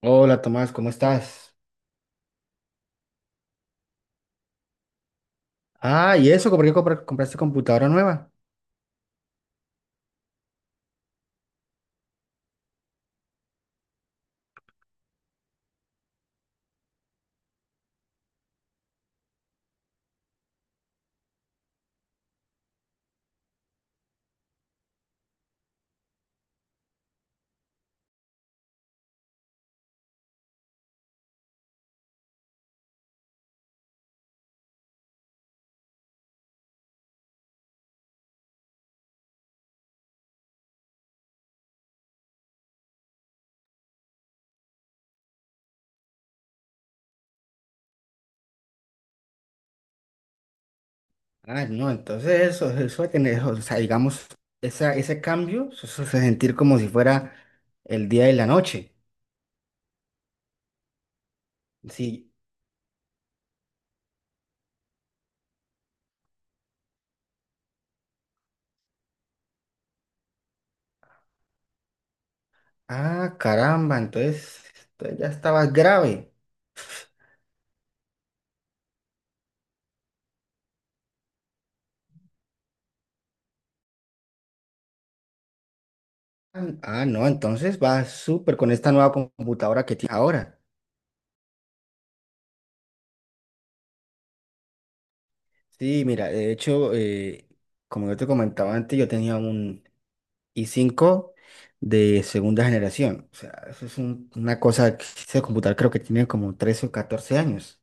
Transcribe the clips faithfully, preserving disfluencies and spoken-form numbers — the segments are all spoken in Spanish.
Hola Tomás, ¿cómo estás? Ah, ¿y eso? ¿Por qué compra- compraste computadora nueva? Ah, no, entonces eso, eso de tener, o sea, digamos, esa, ese cambio, eso se sentir como si fuera el día y la noche. Sí, ah, caramba, entonces, entonces ya estabas grave. Ah, no, entonces va súper con esta nueva computadora que tienes ahora. Sí, mira, de hecho, eh, como yo te comentaba antes, yo tenía un, y cinco de segunda generación. O sea, eso es un- una cosa que ese computador creo que tiene como trece o catorce años.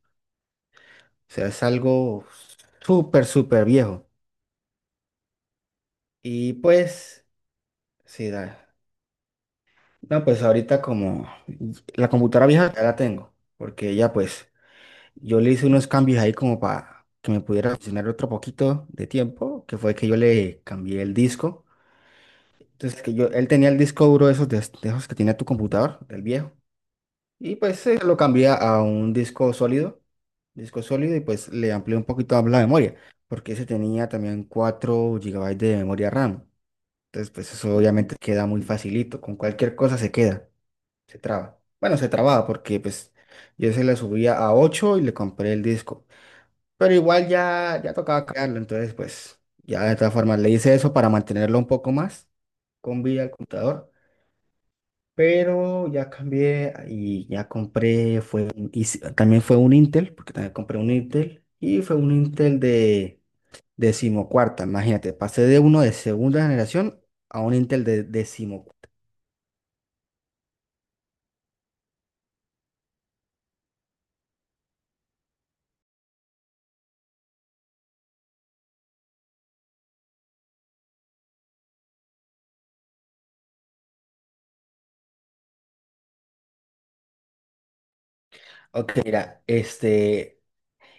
O sea, es algo súper, súper viejo. Y pues, sí, da. No, pues ahorita como la computadora vieja ya la tengo, porque ya pues yo le hice unos cambios ahí como para que me pudiera funcionar otro poquito de tiempo, que fue que yo le cambié el disco. Entonces, que yo, él tenía el disco duro esos, de, de esos que tenía tu computador, del viejo. Y pues eh, lo cambié a un disco sólido, disco sólido y pues le amplié un poquito la memoria, porque ese tenía también cuatro gigabytes de memoria RAM. Entonces pues eso obviamente queda muy facilito, con cualquier cosa se queda, se traba. Bueno, se trababa porque pues yo se le subía a ocho y le compré el disco, pero igual ya, ya tocaba cambiarlo, entonces pues ya de todas formas le hice eso para mantenerlo un poco más con vida al computador. Pero ya cambié y ya compré, fue, un- y si- también fue un Intel, porque también compré un Intel, y fue un Intel de decimocuarta, imagínate, pasé de uno de segunda generación a un Intel de decimocuarta. Ok, mira, este,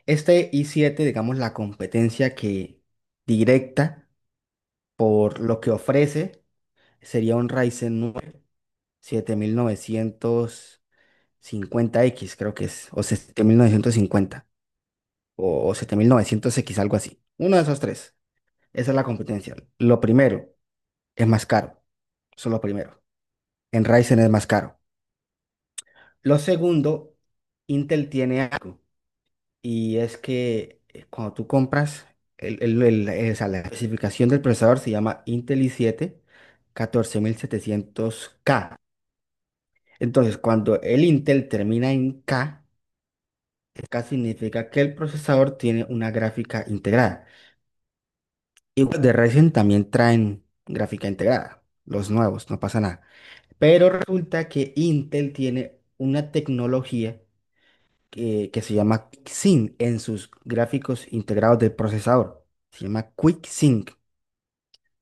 este i siete, digamos, la competencia que directa por lo que ofrece sería un Ryzen nueve siete mil novecientos cincuenta x creo que es, o siete mil novecientos cincuenta o, o siete mil novecientos x algo así. Uno de esos tres. Esa es la competencia. Lo primero es más caro. Eso es lo primero. En Ryzen es más caro. Lo segundo, Intel tiene algo. Y es que eh, cuando tú compras, el, el- el- eh, o sea, la especificación del procesador se llama Intel i siete catorce mil setecientos k. Entonces, cuando el Intel termina en K, K significa que el procesador tiene una gráfica integrada. Y los de Ryzen también traen gráfica integrada, los nuevos, no pasa nada. Pero resulta que Intel tiene una tecnología que, que se llama QuickSync en sus gráficos integrados del procesador. Se llama QuickSync.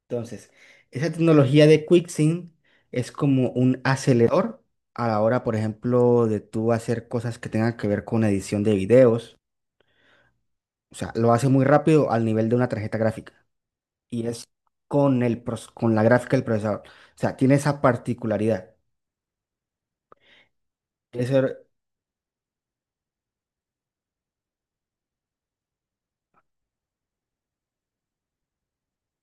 Entonces, esa tecnología de QuickSync es como un acelerador a la hora, por ejemplo, de tú hacer cosas que tengan que ver con edición de videos. O sea, lo hace muy rápido al nivel de una tarjeta gráfica. Y es con el, pros- con la gráfica del procesador. O sea, tiene esa particularidad. Debe ser-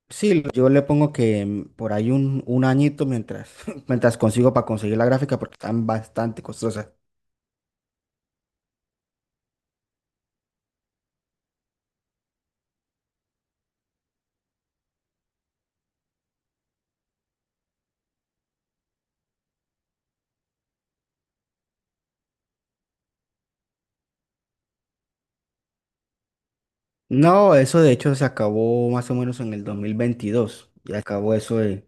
sí, yo le pongo que mm, por ahí un, un añito mientras, mientras consigo para conseguir la gráfica porque están bastante costosas. No, eso de hecho se acabó más o menos en el dos mil veintidós. Ya acabó eso de,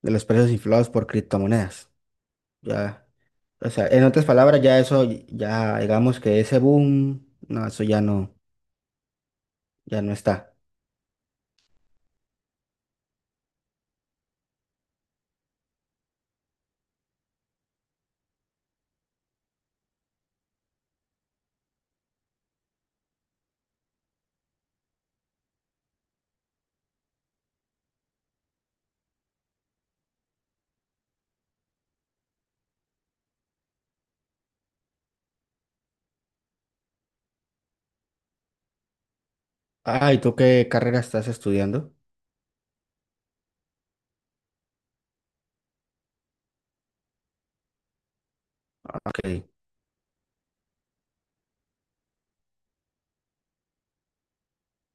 de los precios inflados por criptomonedas. Ya, o sea, en otras palabras, ya eso, ya digamos que ese boom, no, eso ya no, ya no está. Ah, y ¿tú qué carrera estás estudiando? Ok.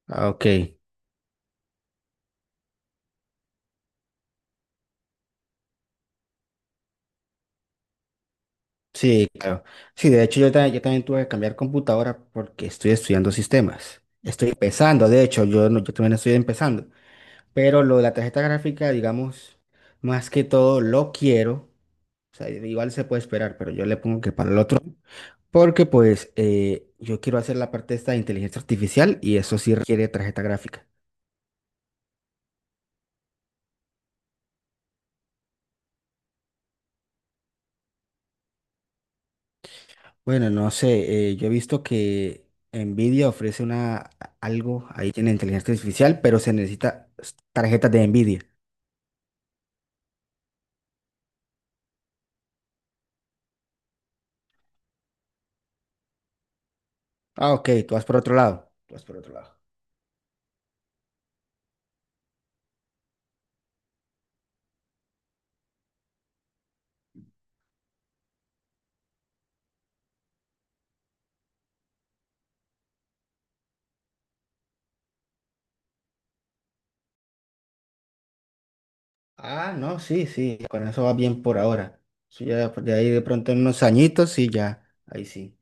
Ah, ok, sí, claro. Sí, de hecho yo, ta- yo también tuve que cambiar computadora porque estoy estudiando sistemas. Estoy empezando, de hecho, yo, no- yo también estoy empezando. Pero lo de la tarjeta gráfica, digamos, más que todo lo quiero. O sea, igual se puede esperar, pero yo le pongo que para el otro. Porque pues eh, yo quiero hacer la parte esta de inteligencia artificial y eso sí requiere tarjeta gráfica. Bueno, no sé, eh, yo he visto que Nvidia ofrece una, algo ahí en inteligencia artificial, pero se necesita s- tarjetas de Nvidia. Ah, ok, tú vas por otro lado. Tú vas por otro lado. Ah, no, sí, sí, con eso va bien por ahora. Eso ya pues, de ahí de pronto en unos añitos, sí, ya, ahí sí.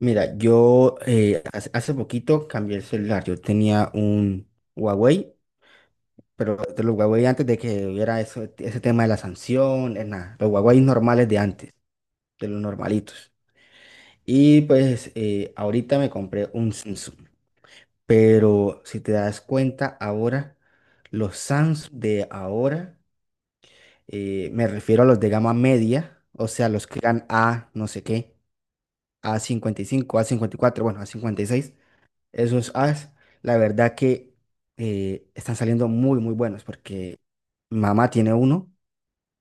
Mira, yo eh, hace, hace poquito cambié el celular. Yo tenía un Huawei, pero de los Huawei antes de que hubiera eso- ese tema de la sanción, es nada, los Huawei normales de antes, de los normalitos. Y pues eh, ahorita me compré un Samsung, pero si te das cuenta ahora, los Samsung de ahora, eh, me refiero a los de gama media, o sea, los que eran A no sé qué, a cincuenta y cinco, a cincuenta y cuatro, bueno, a cincuenta y seis, esos As, la verdad que eh, están saliendo muy, muy buenos porque mamá tiene uno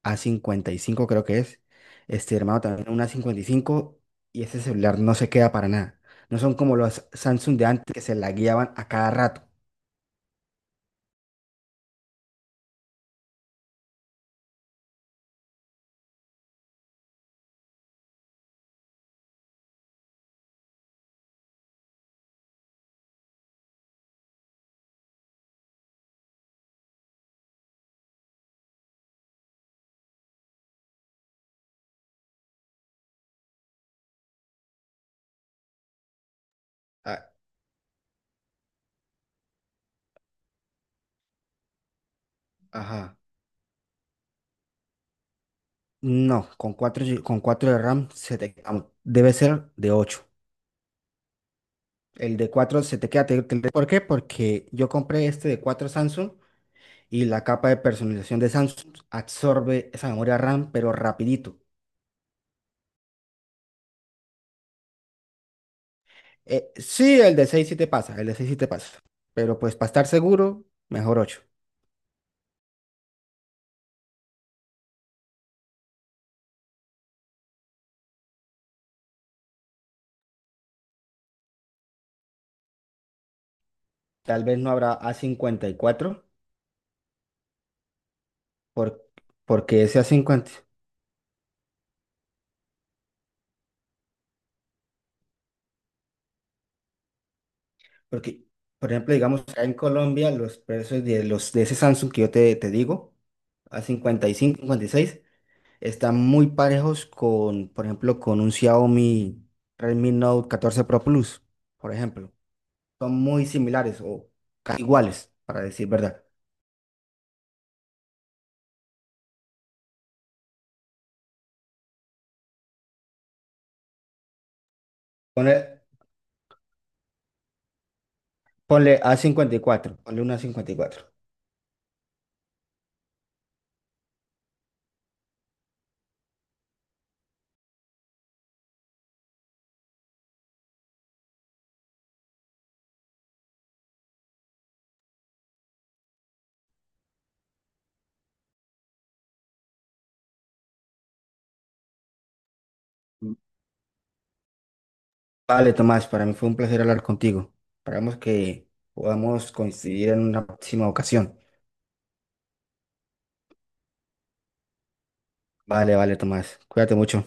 a cincuenta y cinco creo que es. Este hermano también un A cincuenta y cinco y cinco y ese celular no se queda para nada. No son como los Samsung de antes que se la guiaban a cada rato. Ah, ajá. No, con cuatro, con cuatro de RAM se te, am- debe ser de ocho. El de cuatro se te queda. te- te- ¿Por qué? Porque yo compré este de cuatro Samsung y la capa de personalización de Samsung absorbe esa memoria RAM, pero rapidito. Eh, sí, el de seis sí te pasa, el de seis sí te pasa. Pero pues para estar seguro, mejor ocho. Tal vez no habrá a cincuenta y cuatro por, porque ese a cincuenta, porque, por ejemplo, digamos, acá en Colombia los precios de, los, de ese Samsung que yo te, te digo, a cincuenta, cincuenta y cinco, cincuenta y seis, están muy parejos con, por ejemplo, con un Xiaomi Redmi Note catorce Pro Plus, por ejemplo. Son muy similares o casi iguales, para decir verdad. Ponle, ponle a cincuenta y cuatro, ponle una a cincuenta y cuatro. Vale, Tomás, para mí fue un placer hablar contigo. Esperamos que podamos coincidir en una próxima ocasión. Vale, vale, Tomás. Cuídate mucho.